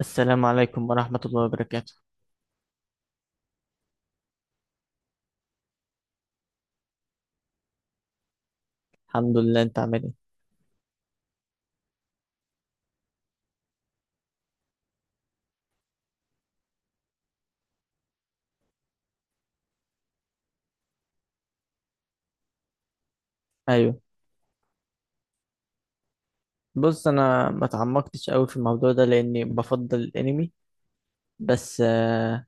السلام عليكم ورحمة الله وبركاته. الحمد لله، انت عامل ايه؟ ايوه. بص، انا ما اتعمقتش قوي في الموضوع ده لاني بفضل الانمي. بس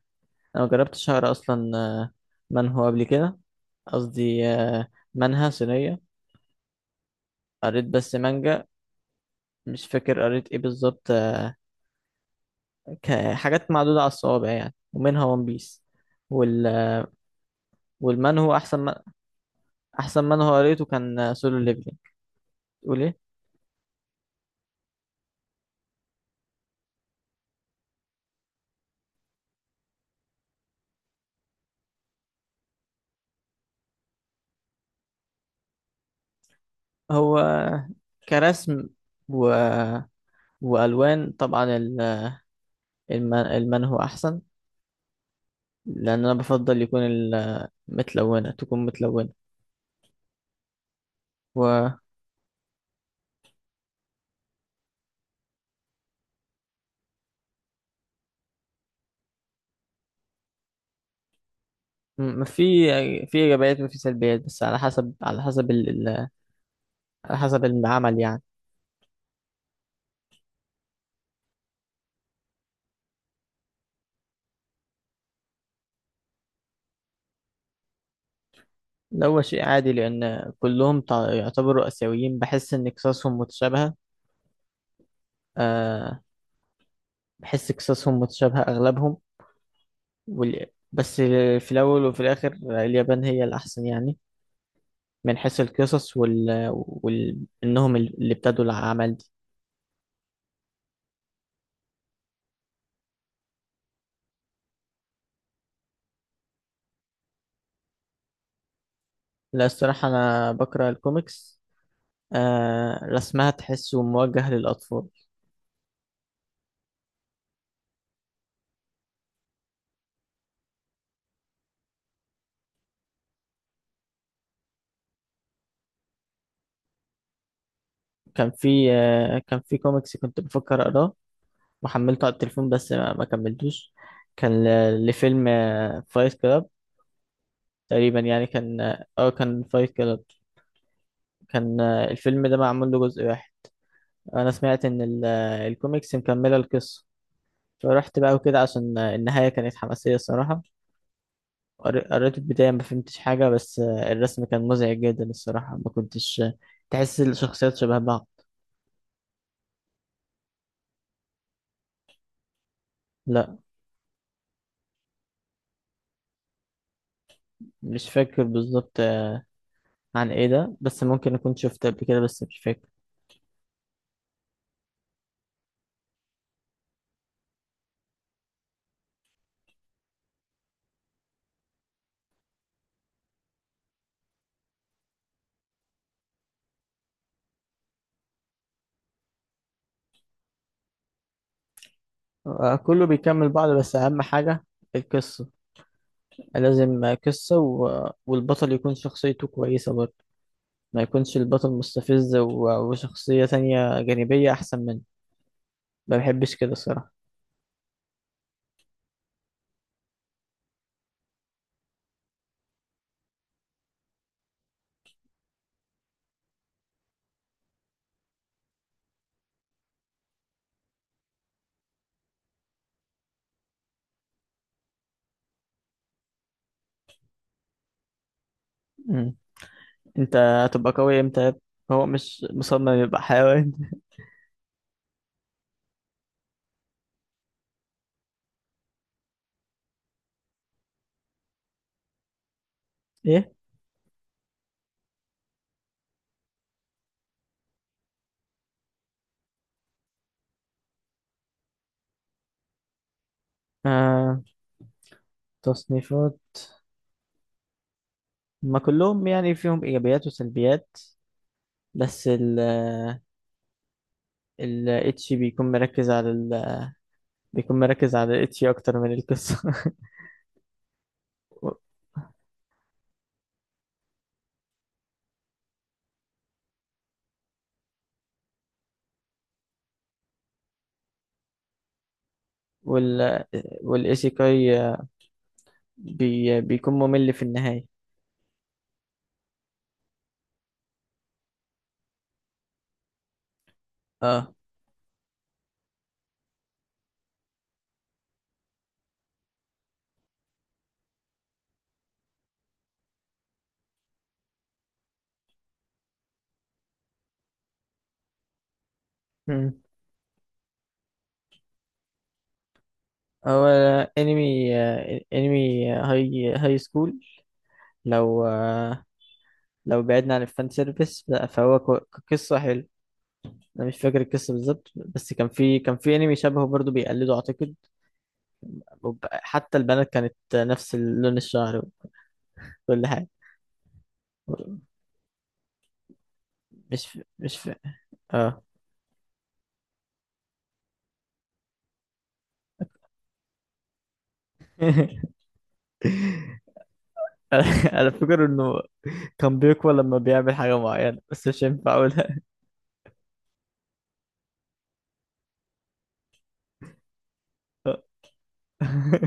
انا ما جربتش اقرا اصلا منهو قبل كده. قصدي منهى صينية. قريت بس مانجا. مش فاكر قريت ايه بالظبط حاجات معدودة على الصوابع يعني، ومنها ون بيس. وال والمانهو احسن احسن منهو قريته كان سولو ليفلينج. تقول ايه؟ هو كرسم و... والوان طبعا، المنهو احسن. لان انا بفضل يكون متلونه، تكون متلونه. و في في ايجابيات وفي سلبيات، بس على حسب العمل يعني. لو هو شيء عادي لان كلهم يعتبروا اسيويين، بحس ان قصصهم متشابهه. أه بحس قصصهم متشابهه اغلبهم. وال... بس في الاول وفي الاخر اليابان هي الاحسن يعني، من حيث القصص انهم اللي ابتدوا العمل. لا، الصراحة أنا بقرأ الكوميكس. آه رسمها تحسه موجه للأطفال. كان في كوميكس كنت بفكر أقراه وحملته على التليفون، بس ما كملتوش. كان لفيلم فايت كلاب تقريبا، يعني كان فايت كلاب. كان الفيلم ده معمول له جزء واحد. أنا سمعت إن الكوميكس مكملة القصة. فرحت بقى وكده، عشان النهاية كانت حماسية الصراحة. قريت البداية ما فهمتش حاجة، بس الرسم كان مزعج جدا الصراحة، ما كنتش تحس الشخصيات شبه بعض. لا، مش فاكر بالظبط عن ايه ده، بس ممكن اكون شفت قبل كده بس مش فاكر. كله بيكمل بعض، بس اهم حاجة القصة. لازم قصة، والبطل يكون شخصيته كويسة برضه. ما يكونش البطل مستفز وشخصية تانية جانبية احسن منه. ما بحبش كده الصراحة. مم. انت هتبقى قوي امتى؟ هو مش مصمم يبقى حيوان. ايه؟ آه تصنيفات. ما كلهم يعني فيهم ايجابيات وسلبيات. بس ال ال اتش بيكون مركز على الاتش اكتر من القصه. وال والايسيكاي بيكون ممل في النهايه. اه. مم. هو انمي انمي هاي سكول، لو آه، لو بعدنا عن الفان سيرفيس لا، فهو قصه حلوه. انا مش فاكر القصه بالظبط، بس كان في انمي شبهه برضو بيقلده اعتقد. حتى البنات كانت نفس لون الشعر وكل حاجة. مش ف... مش ف... اه انا فاكر انه كان بيقوى لما بيعمل حاجة معينة، بس مش هينفع اقولها. آه.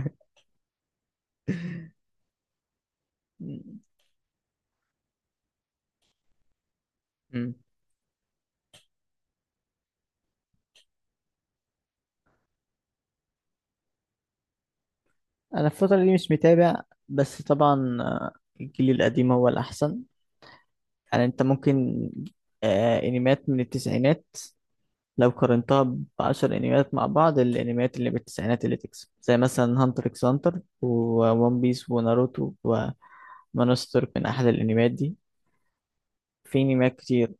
أمم. انا الفترة دي مش متابع، بس طبعا الجيل القديم هو الاحسن. يعني انت ممكن انميات من التسعينات لو قارنتها بعشر انميات، مع بعض الانميات اللي بالتسعينات اللي تكسب زي مثلا هانتر اكس هانتر وون بيس وناروتو ومانستر من احلى الانميات دي. في انميات كتير.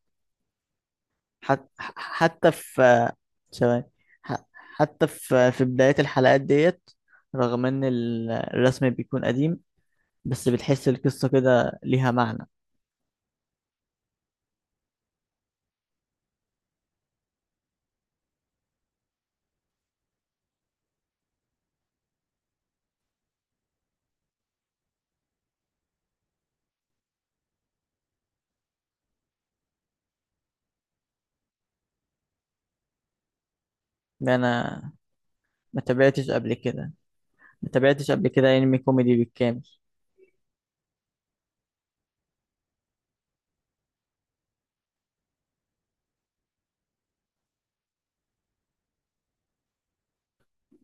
حت... حتى في ثواني ح- حتى في بداية الحلقات ديت، رغم ان الرسم بيكون قديم، بس بتحس القصة كده ليها معنى. انا ما تابعتش قبل كده، ما تابعتش قبل كده انمي كوميدي بالكامل.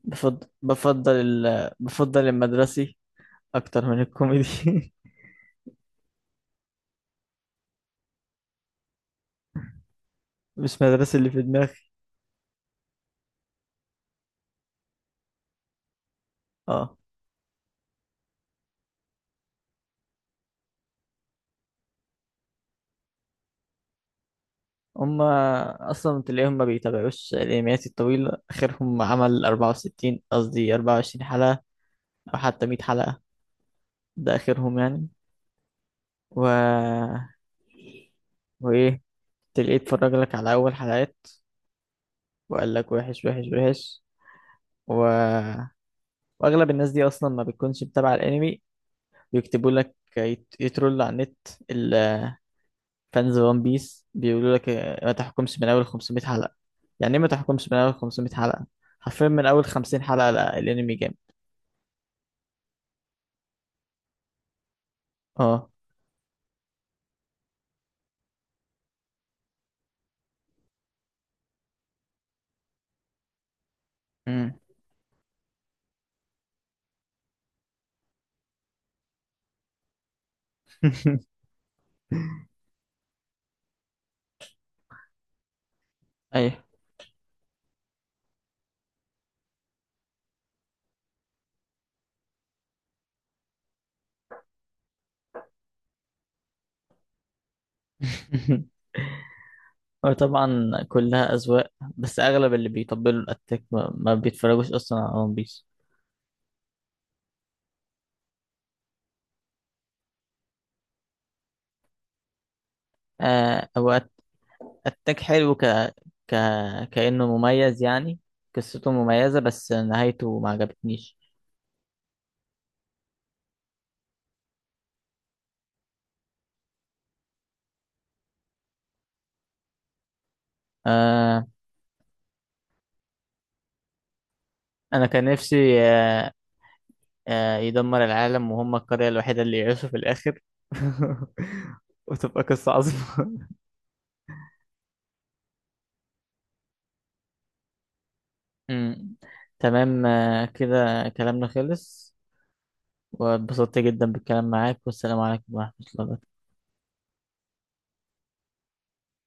بفضل المدرسي اكتر من الكوميدي. مش مدرسة اللي في دماغي. اه. هما اصلا تلاقيهم ما بيتابعوش الانميات الطويلة. اخرهم عمل 64 قصدي 24 حلقة، او حتى 100 حلقة ده اخرهم يعني. و وايه تلاقيه اتفرج لك على اول حلقات وقال لك وحش وحش وحش، و... واغلب الناس دي اصلا ما بتكونش متابعة الانمي. بيكتبوا لك يترول على النت. فانز ون بيس بيقولوا لك ما تحكمش من اول 500 حلقة. يعني ايه ما تحكمش من اول 500 حلقة؟ حرفيا من اول 50 حلقة، لا الانمي جامد. اه. مم. ايوه. وطبعا كلها أذواق، بس أغلب اللي بيطبلوا الأتاك ما بيتفرجوش أصلا على ون بيس. آه هو أت- أتاك حلو ك... كأنه مميز يعني. قصته مميزة، بس نهايته ما عجبتنيش. آه. أنا كان نفسي يدمر العالم وهم القرية الوحيدة اللي يعيشوا في الآخر. وتبقى قصة عظيمة. أمم. تمام كده كلامنا خلص، واتبسطت جدا بالكلام معاك. والسلام عليكم ورحمة الله وبركاته.